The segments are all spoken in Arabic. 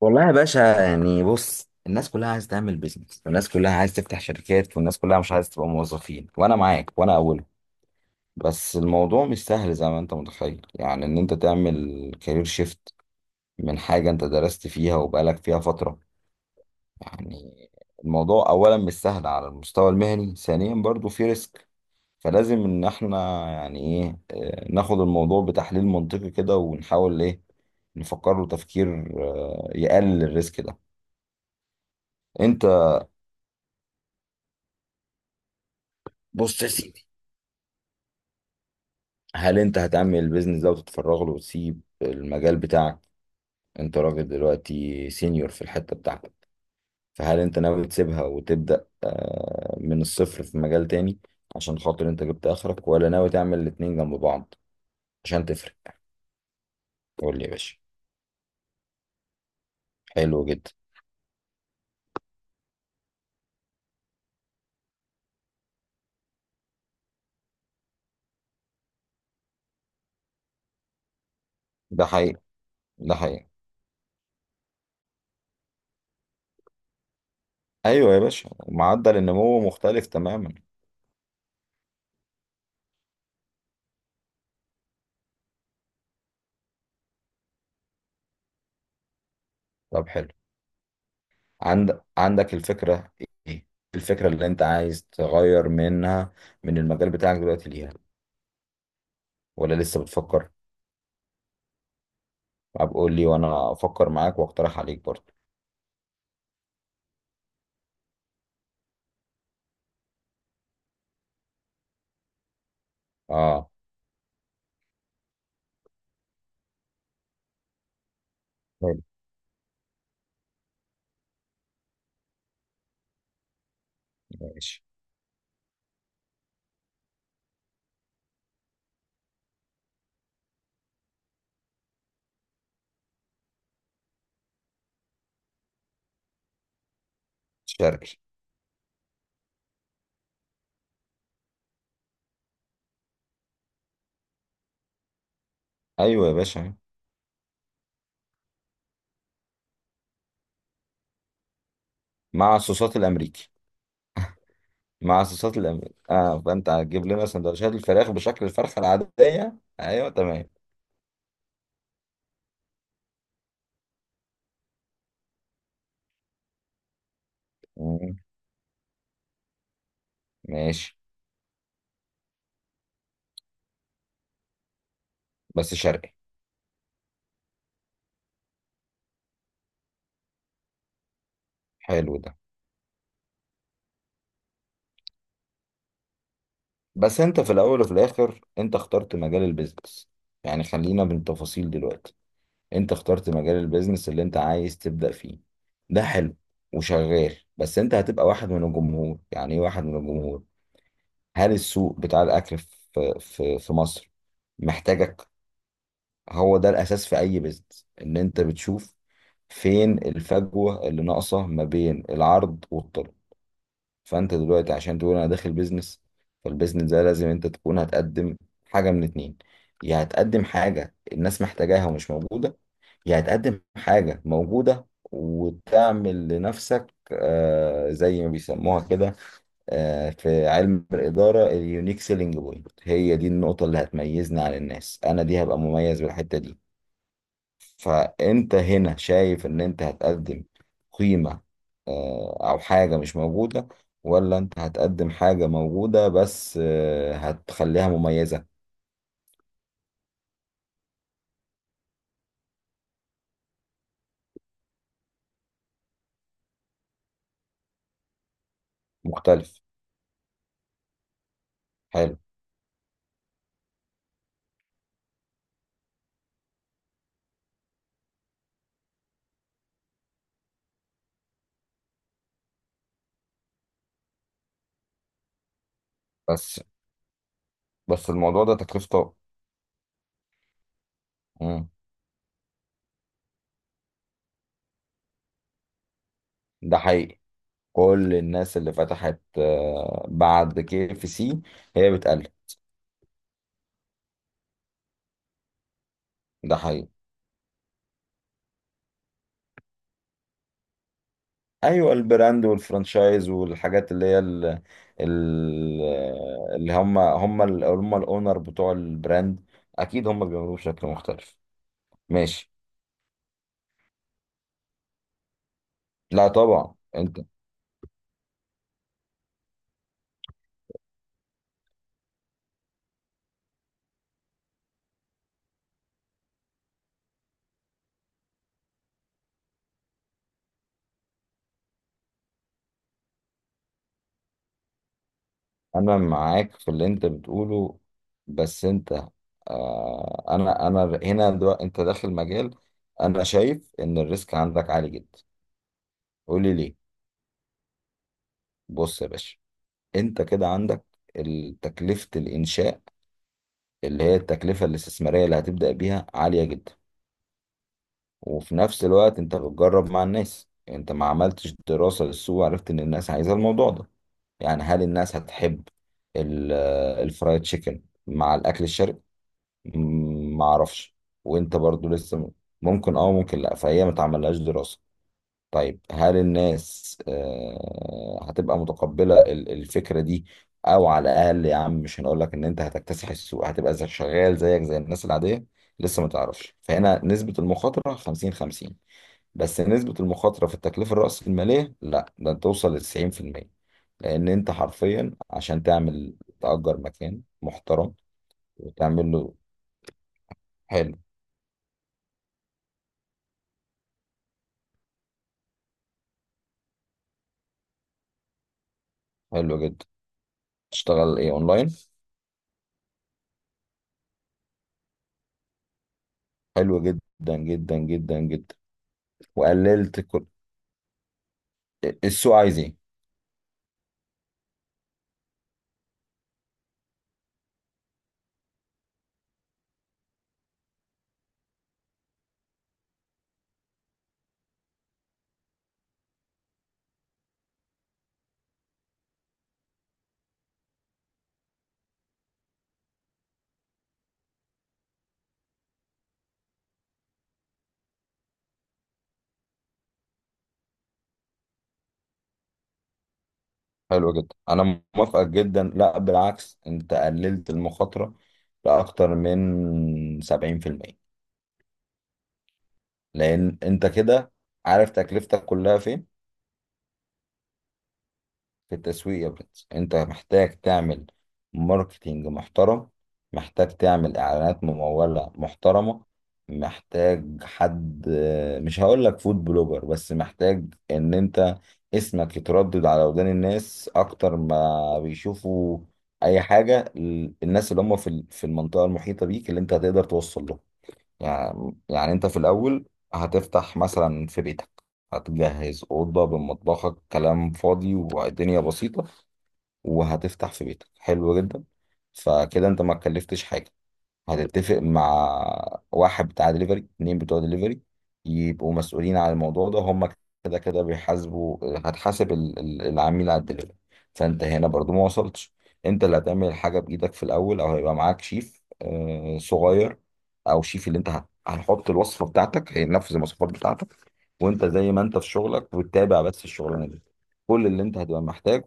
والله يا باشا، يعني بص، الناس كلها عايزه تعمل بيزنس، والناس كلها عايزه تفتح شركات، والناس كلها مش عايزه تبقى موظفين، وانا معاك وانا اولهم. بس الموضوع مش سهل زي ما انت متخيل، يعني ان انت تعمل كارير شيفت من حاجه انت درست فيها وبقالك فيها فتره. يعني الموضوع اولا مش سهل على المستوى المهني، ثانيا برضو في ريسك. فلازم ان احنا يعني ايه، ناخد الموضوع بتحليل منطقي كده ونحاول ايه، نفكر له تفكير يقلل الريسك ده. انت بص يا سيدي، هل انت هتعمل البيزنس ده وتتفرغ له وتسيب المجال بتاعك؟ انت راجل دلوقتي سينيور في الحتة بتاعتك، فهل انت ناوي تسيبها وتبدأ من الصفر في مجال تاني عشان خاطر انت جبت اخرك، ولا ناوي تعمل الاتنين جنب بعض عشان تفرق؟ قول لي يا باشا. حلو جدا. ده حقيقي، ده حقيقي. ايوه يا باشا، معدل النمو مختلف تماما. طب حلو. عندك الفكرة؟ ايه الفكرة اللي انت عايز تغير منها، من المجال بتاعك دلوقتي ليها؟ ولا لسه بتفكر؟ طب قول لي وانا افكر معاك واقترح عليك برضه. اه. حلو. ماشي. شرقي. ايوه يا باشا. مع الصوصات الامريكي. مع الصوصات الامريكي، اه. فانت هتجيب لنا سندوتشات الفراخ بشكل الفرخه العاديه. ايوه تمام. مم. ماشي. بس شرقي. حلو ده. بس انت في الاول وفي الاخر انت اخترت مجال البيزنس. يعني خلينا بالتفاصيل دلوقتي، انت اخترت مجال البيزنس اللي انت عايز تبدأ فيه، ده حلو. وشغال. بس انت هتبقى واحد من الجمهور، يعني ايه واحد من الجمهور؟ هل السوق بتاع الاكل في مصر محتاجك؟ هو ده الاساس في اي بيزنس، ان انت بتشوف فين الفجوة اللي ناقصة ما بين العرض والطلب. فانت دلوقتي عشان تقول انا داخل بيزنس، فالبيزنس ده لازم انت تكون هتقدم حاجة من اتنين: يا هتقدم حاجة الناس محتاجاها ومش موجودة، يعني تقدم حاجة موجودة وتعمل لنفسك آه زي ما بيسموها كده، آه في علم الإدارة، اليونيك سيلينج بوينت، هي دي النقطة اللي هتميزني عن الناس، أنا دي هبقى مميز بالحتة دي. فأنت هنا شايف إن أنت هتقدم قيمة، آه أو حاجة مش موجودة، ولا أنت هتقدم حاجة موجودة بس آه هتخليها مميزة؟ مختلف. حلو. بس بس الموضوع ده تكلفته. مم. ده حقيقي. كل الناس اللي فتحت بعد كي اف سي هي بتقلب. ده حقيقي. ايوه، البراند والفرانشايز والحاجات اللي هي ال- اللي هم الاونر بتوع البراند، اكيد هم بيعملوه بشكل مختلف. ماشي. لا طبعا انت، انا معاك في اللي انت بتقوله. بس انت، آه، انا هنا دلوقتي انت داخل مجال، انا شايف ان الريسك عندك عالي جدا. قولي ليه. بص يا باشا، انت كده عندك تكلفة الانشاء، اللي هي التكلفة الاستثمارية اللي هتبدأ بيها عالية جدا. وفي نفس الوقت انت بتجرب مع الناس، انت ما عملتش دراسة للسوق وعرفت ان الناس عايزة الموضوع ده. يعني هل الناس هتحب ال- الفرايد تشيكن مع الاكل الشرقي؟ ما اعرفش. وانت برضو لسه ممكن اه ممكن لا، فهي ما تعملهاش دراسة. طيب هل الناس هتبقى متقبلة الفكرة دي؟ او على الاقل يا عم، مش هنقول لك ان انت هتكتسح السوق، هتبقى زي شغال زيك زي الناس العادية، لسه ما تعرفش. فهنا نسبة المخاطرة 50 50. بس نسبة المخاطرة في التكلفة الرأسمالية لا، ده انت توصل ل 90%، لان انت حرفيا عشان تعمل تأجر مكان محترم وتعمل له. حلو. حلو جدا. تشتغل ايه؟ اونلاين. حلو جدا. وقللت السوق عايز ايه. حلو جدا، انا موافقك جدا، لا بالعكس، انت قللت المخاطره لاكتر من 70%. لان انت كده عارف تكلفتك كلها فين؟ في التسويق يا برنس. انت محتاج تعمل ماركتينج محترم، محتاج تعمل اعلانات ممولة محترمة، محتاج حد، مش هقول لك فود بلوجر، بس محتاج ان انت اسمك يتردد على ودان الناس اكتر ما بيشوفوا اي حاجة. الناس اللي هم في في المنطقة المحيطة بيك اللي انت هتقدر توصل لهم. يعني انت في الاول هتفتح مثلا في بيتك، هتجهز اوضه بمطبخك، كلام فاضي والدنيا بسيطه، وهتفتح في بيتك. حلو جدا. فكده انت ما اتكلفتش حاجه. هتتفق مع واحد بتاع دليفري، اتنين بتوع دليفري، يبقوا مسؤولين على الموضوع ده. هم كده كده بيحاسبوا، هتحاسب العميل على الدليفري. فانت هنا برضو ما وصلتش. انت اللي هتعمل الحاجة بإيدك في الأول، أو هيبقى معاك شيف صغير، أو شيف اللي انت هنحط الوصفة بتاعتك هينفذ المواصفات بتاعتك. وانت زي ما انت في شغلك بتتابع، بس الشغلانة دي كل اللي انت هتبقى محتاج،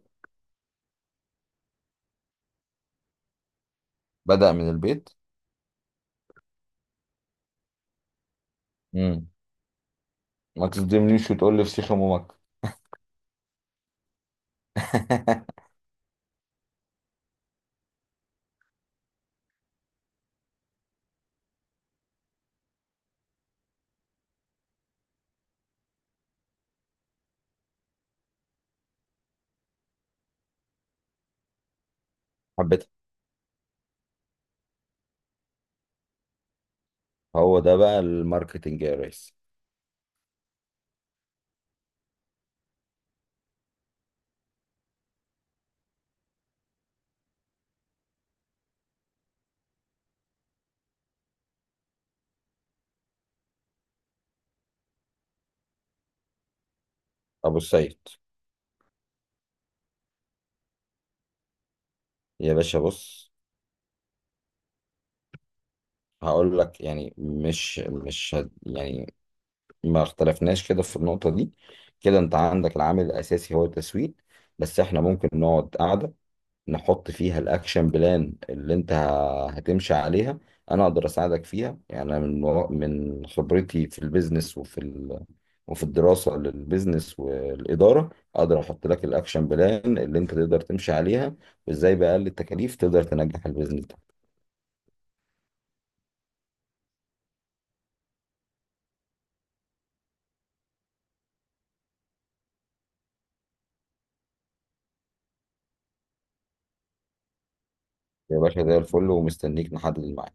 بدأ من البيت. مم. ما تصدمنيش وتقول لي فسيخ أم امك. حبيتها. هو ده بقى الماركتنج يا ريس. ابو السيد. يا باشا بص، هقول لك، يعني مش هد يعني، ما اختلفناش كده في النقطة دي. كده انت عندك العامل الاساسي هو التسويق. بس احنا ممكن نقعد قعدة نحط فيها الاكشن بلان اللي انت هتمشي عليها. انا اقدر اساعدك فيها، يعني أنا من من خبرتي في البيزنس وفي وفي الدراسة للبيزنس والإدارة، أقدر أحط لك الأكشن بلان اللي أنت تقدر تمشي عليها، وإزاي بأقل التكاليف تقدر تنجح البيزنس ده. يا باشا زي الفل، ومستنيك نحدد الميعاد.